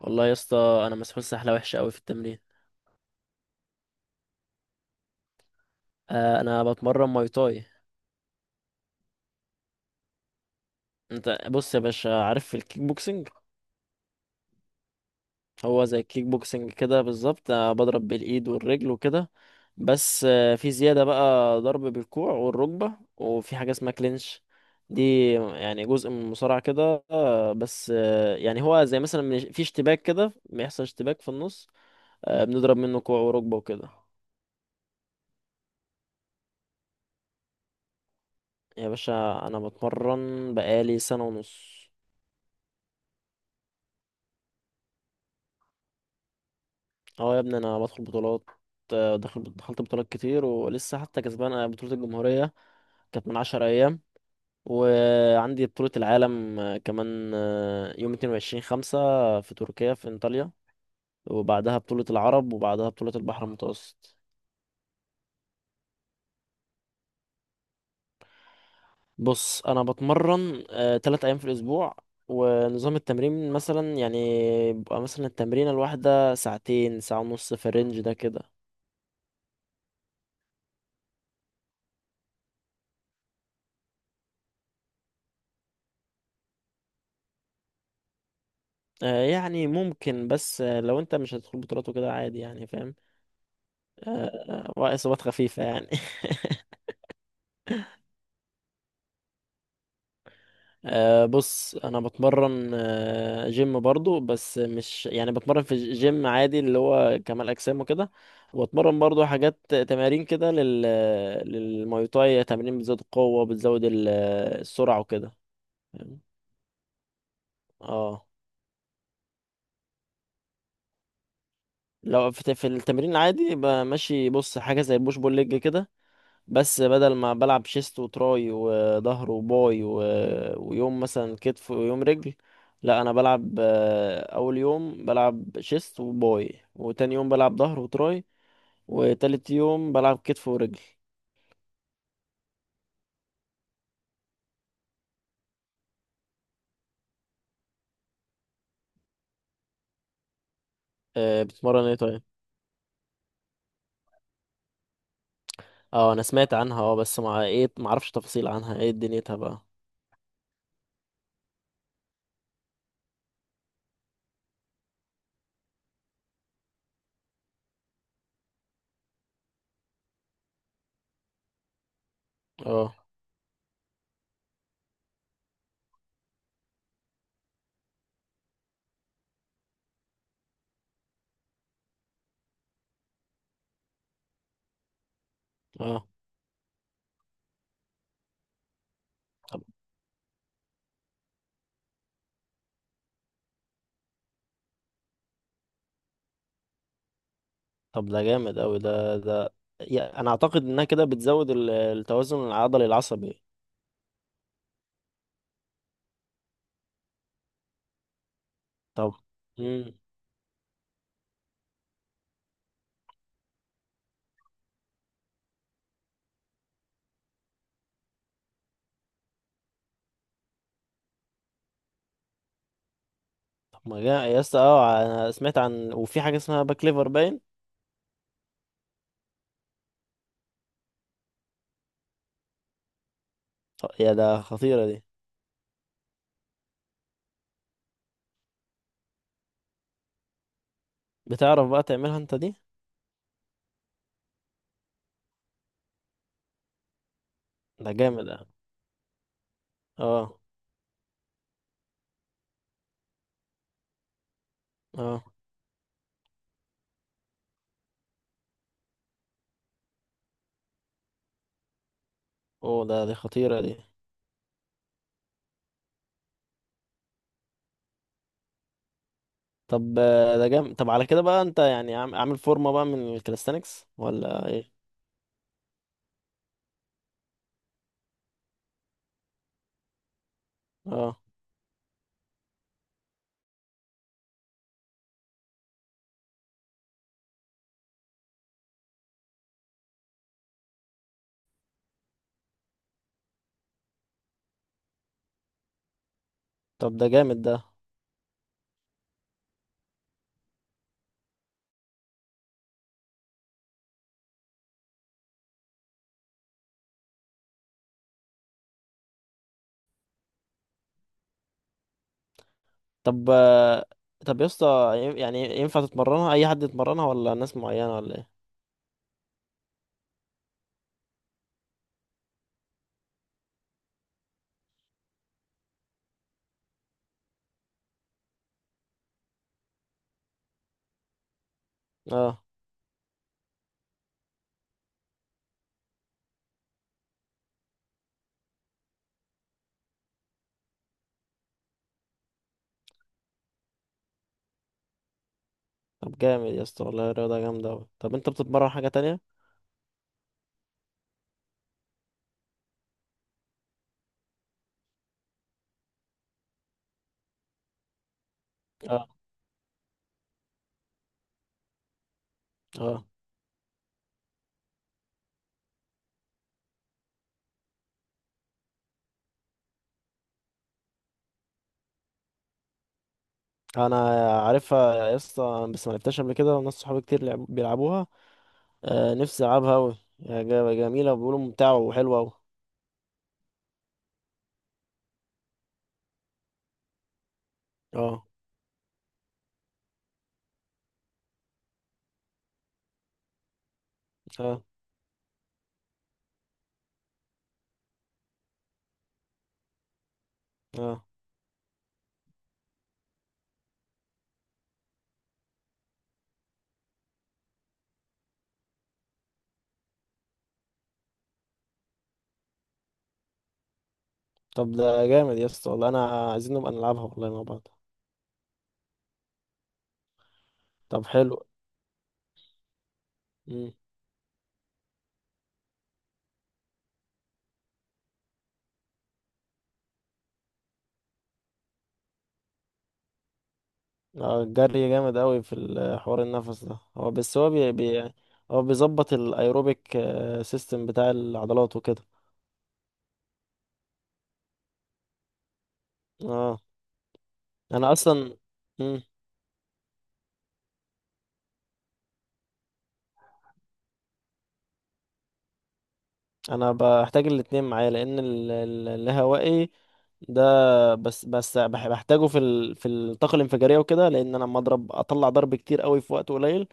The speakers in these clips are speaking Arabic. والله يا اسطى، انا مسحول سحله وحشه قوي في التمرين. انا بتمرن ماي تاي. انت بص يا باشا، عارف الكيك بوكسنج؟ هو زي الكيك بوكسنج كده بالظبط، بضرب بالايد والرجل وكده. بس في زياده بقى، ضرب بالكوع والركبه، وفي حاجه اسمها كلينش. دي يعني جزء من المصارعه كده، بس يعني هو زي مثلا في اشتباك كده، بيحصل اشتباك في النص. بنضرب منه كوع وركبه وكده. يا باشا، انا بتمرن بقالي سنه ونص. اه يا ابني، انا بدخل بطولات. دخلت بطولات كتير ولسه حتى كسبان. بطولة الجمهورية كانت من 10 ايام، وعندي بطولة العالم كمان، يوم 22 خمسة، في تركيا في انطاليا. وبعدها بطولة العرب، وبعدها بطولة البحر المتوسط. بص، انا بتمرن 3 ايام في الاسبوع. ونظام التمرين مثلا يعني بيبقى مثلا التمرينة الواحدة ساعتين، ساعة ونص في الرينج ده كده. يعني ممكن، بس لو انت مش هتدخل بطولات وكده عادي، يعني فاهم. وإصابات خفيفة يعني. بص، أنا بتمرن جيم برضو، بس مش يعني بتمرن في جيم عادي اللي هو كمال أجسام وكده. وأتمرن برضو حاجات تمارين كده للماي تاي، تمارين بتزود القوة، بتزود السرعة وكده. فاهم؟ اه. لو في التمرين العادي بمشي، بص حاجة زي البوش بول ليج كده. بس بدل ما بلعب شيست وتراي وظهر وباي ويوم مثلا كتف ويوم رجل. لا، انا بلعب اول يوم بلعب شيست وباي، وتاني يوم بلعب ظهر وتراي، وتالت يوم بلعب كتف ورجل. بتمرن ايه طيب؟ اه، انا سمعت عنها اه، بس مع ايه ما اعرفش تفاصيل عنها. ايه دنيتها بقى؟ اه. اه. طب. طب ده جامد اوي، ده. انا اعتقد انها كده بتزود التوازن العضلي العصبي. طب ما جا يا اسطى، اه انا سمعت عن، وفي حاجه اسمها باك ليفر باين. اه، يا ده خطيره دي. بتعرف بقى تعملها انت دي؟ ده جامد، اه. اه. اه. اوه، دي خطيره دي. طب، ده جامد. طب على كده بقى انت يعني عامل فورمه بقى من الكاليستانكس ولا ايه؟ اه. طب ده جامد ده. طب، طب يا اسطى، يعني ينفع تتمرنها اي حد يتمرنها ولا ناس معينه ولا ايه؟ اه. طب جامد يا اسطى والله، الرياضه جامده اوي. طب انت بتتمرن حاجه تانية؟ اه. اه انا عارفها يا اسطى، بس ما لعبتهاش قبل كده، وناس صحابي كتير بيلعبوها. آه، نفسي العبها قوي، جميله، وبيقولوا ممتعه وحلوه قوي. اه، اه، اه. طب ده جامد يا اسطى والله، انا عايزين نبقى نلعبها والله مع بعض. طب حلو. امم. الجري جامد قوي في حوار النفس ده. هو بس هو هو بيظبط الايروبيك سيستم بتاع العضلات وكده. اه. انا اصلا انا بحتاج الاتنين معايا، لان الهوائي ده، بس بحتاجه في الطاقه الانفجاريه وكده، لان انا لما اضرب اطلع ضرب كتير قوي في وقت قليل.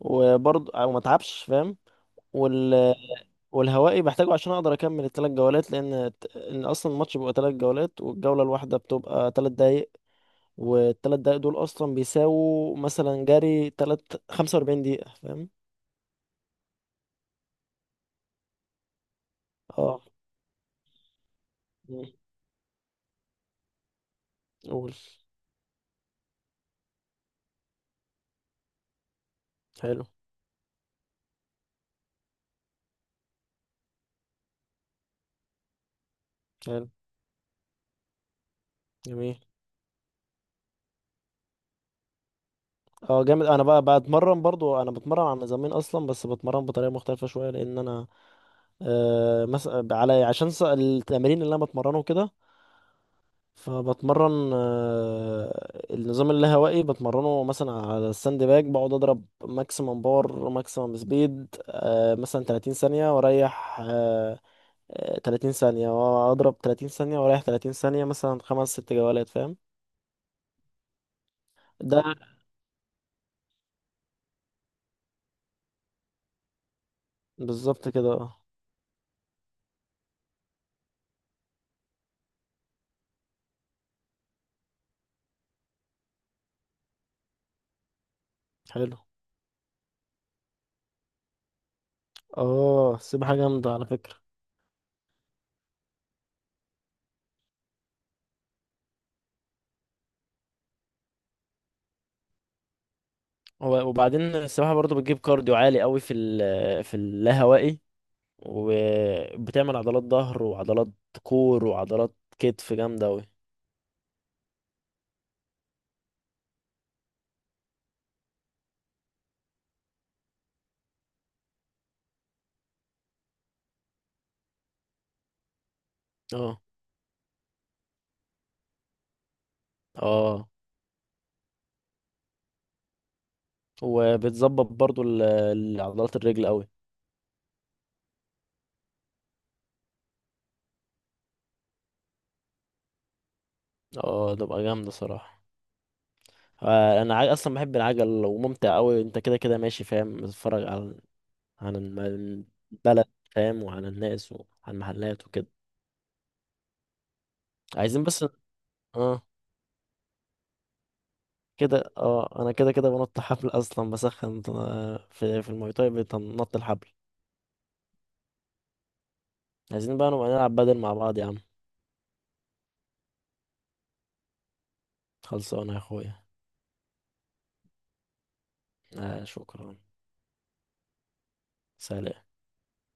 وبرضه او ما اتعبش، فاهم. وال... والهوائي بحتاجه عشان اقدر اكمل الثلاث جولات، لان ان اصلا الماتش بيبقى 3 جولات، والجوله الواحده بتبقى 3 دقايق. والثلاث دقايق دول اصلا بيساووا مثلا جري، 45 دقيقه، فاهم. اه. مم. قول. حلو. حلو. جميل. اه جامد. انا بقى بتمرن برضو، انا بتمرن على نظامين اصلا، بس بتمرن بطريقه مختلفه شويه، لان انا آه مثلا على عشان التمارين اللي انا بتمرنه كده، فبتمرن النظام اللاهوائي، بتمرنه مثلا على الساند باج، بقعد اضرب ماكسيمم باور ماكسيمم سبيد، مثلا 30 ثانيه واريح 30 ثانيه واضرب 30 ثانيه واريح 30 ثانيه مثلا خمس ست جولات، فاهم. ده بالظبط كده، اه. حلو. اه، سيب حاجه جامده على فكره. وبعدين السباحة برضو بتجيب كارديو عالي قوي في ال في اللاهوائي، وبتعمل عضلات ظهر وعضلات كور وعضلات كتف جامدة قوي. اه. اه، وبتظبط برضو عضلات الرجل قوي. اه، تبقى جامدة صراحة. انا اصلا بحب العجل وممتع قوي، انت كده كده ماشي فاهم، بتتفرج على، عن البلد، فاهم، وعن الناس، وعن المحلات وكده. عايزين بس. اه، كده، اه انا كده كده بنط حبل اصلا، بسخن في الماي تاي بنط الحبل. عايزين بقى نبقى نلعب بدل مع بعض يا عم. خلصانه يا اخويا. شكرا. سلام.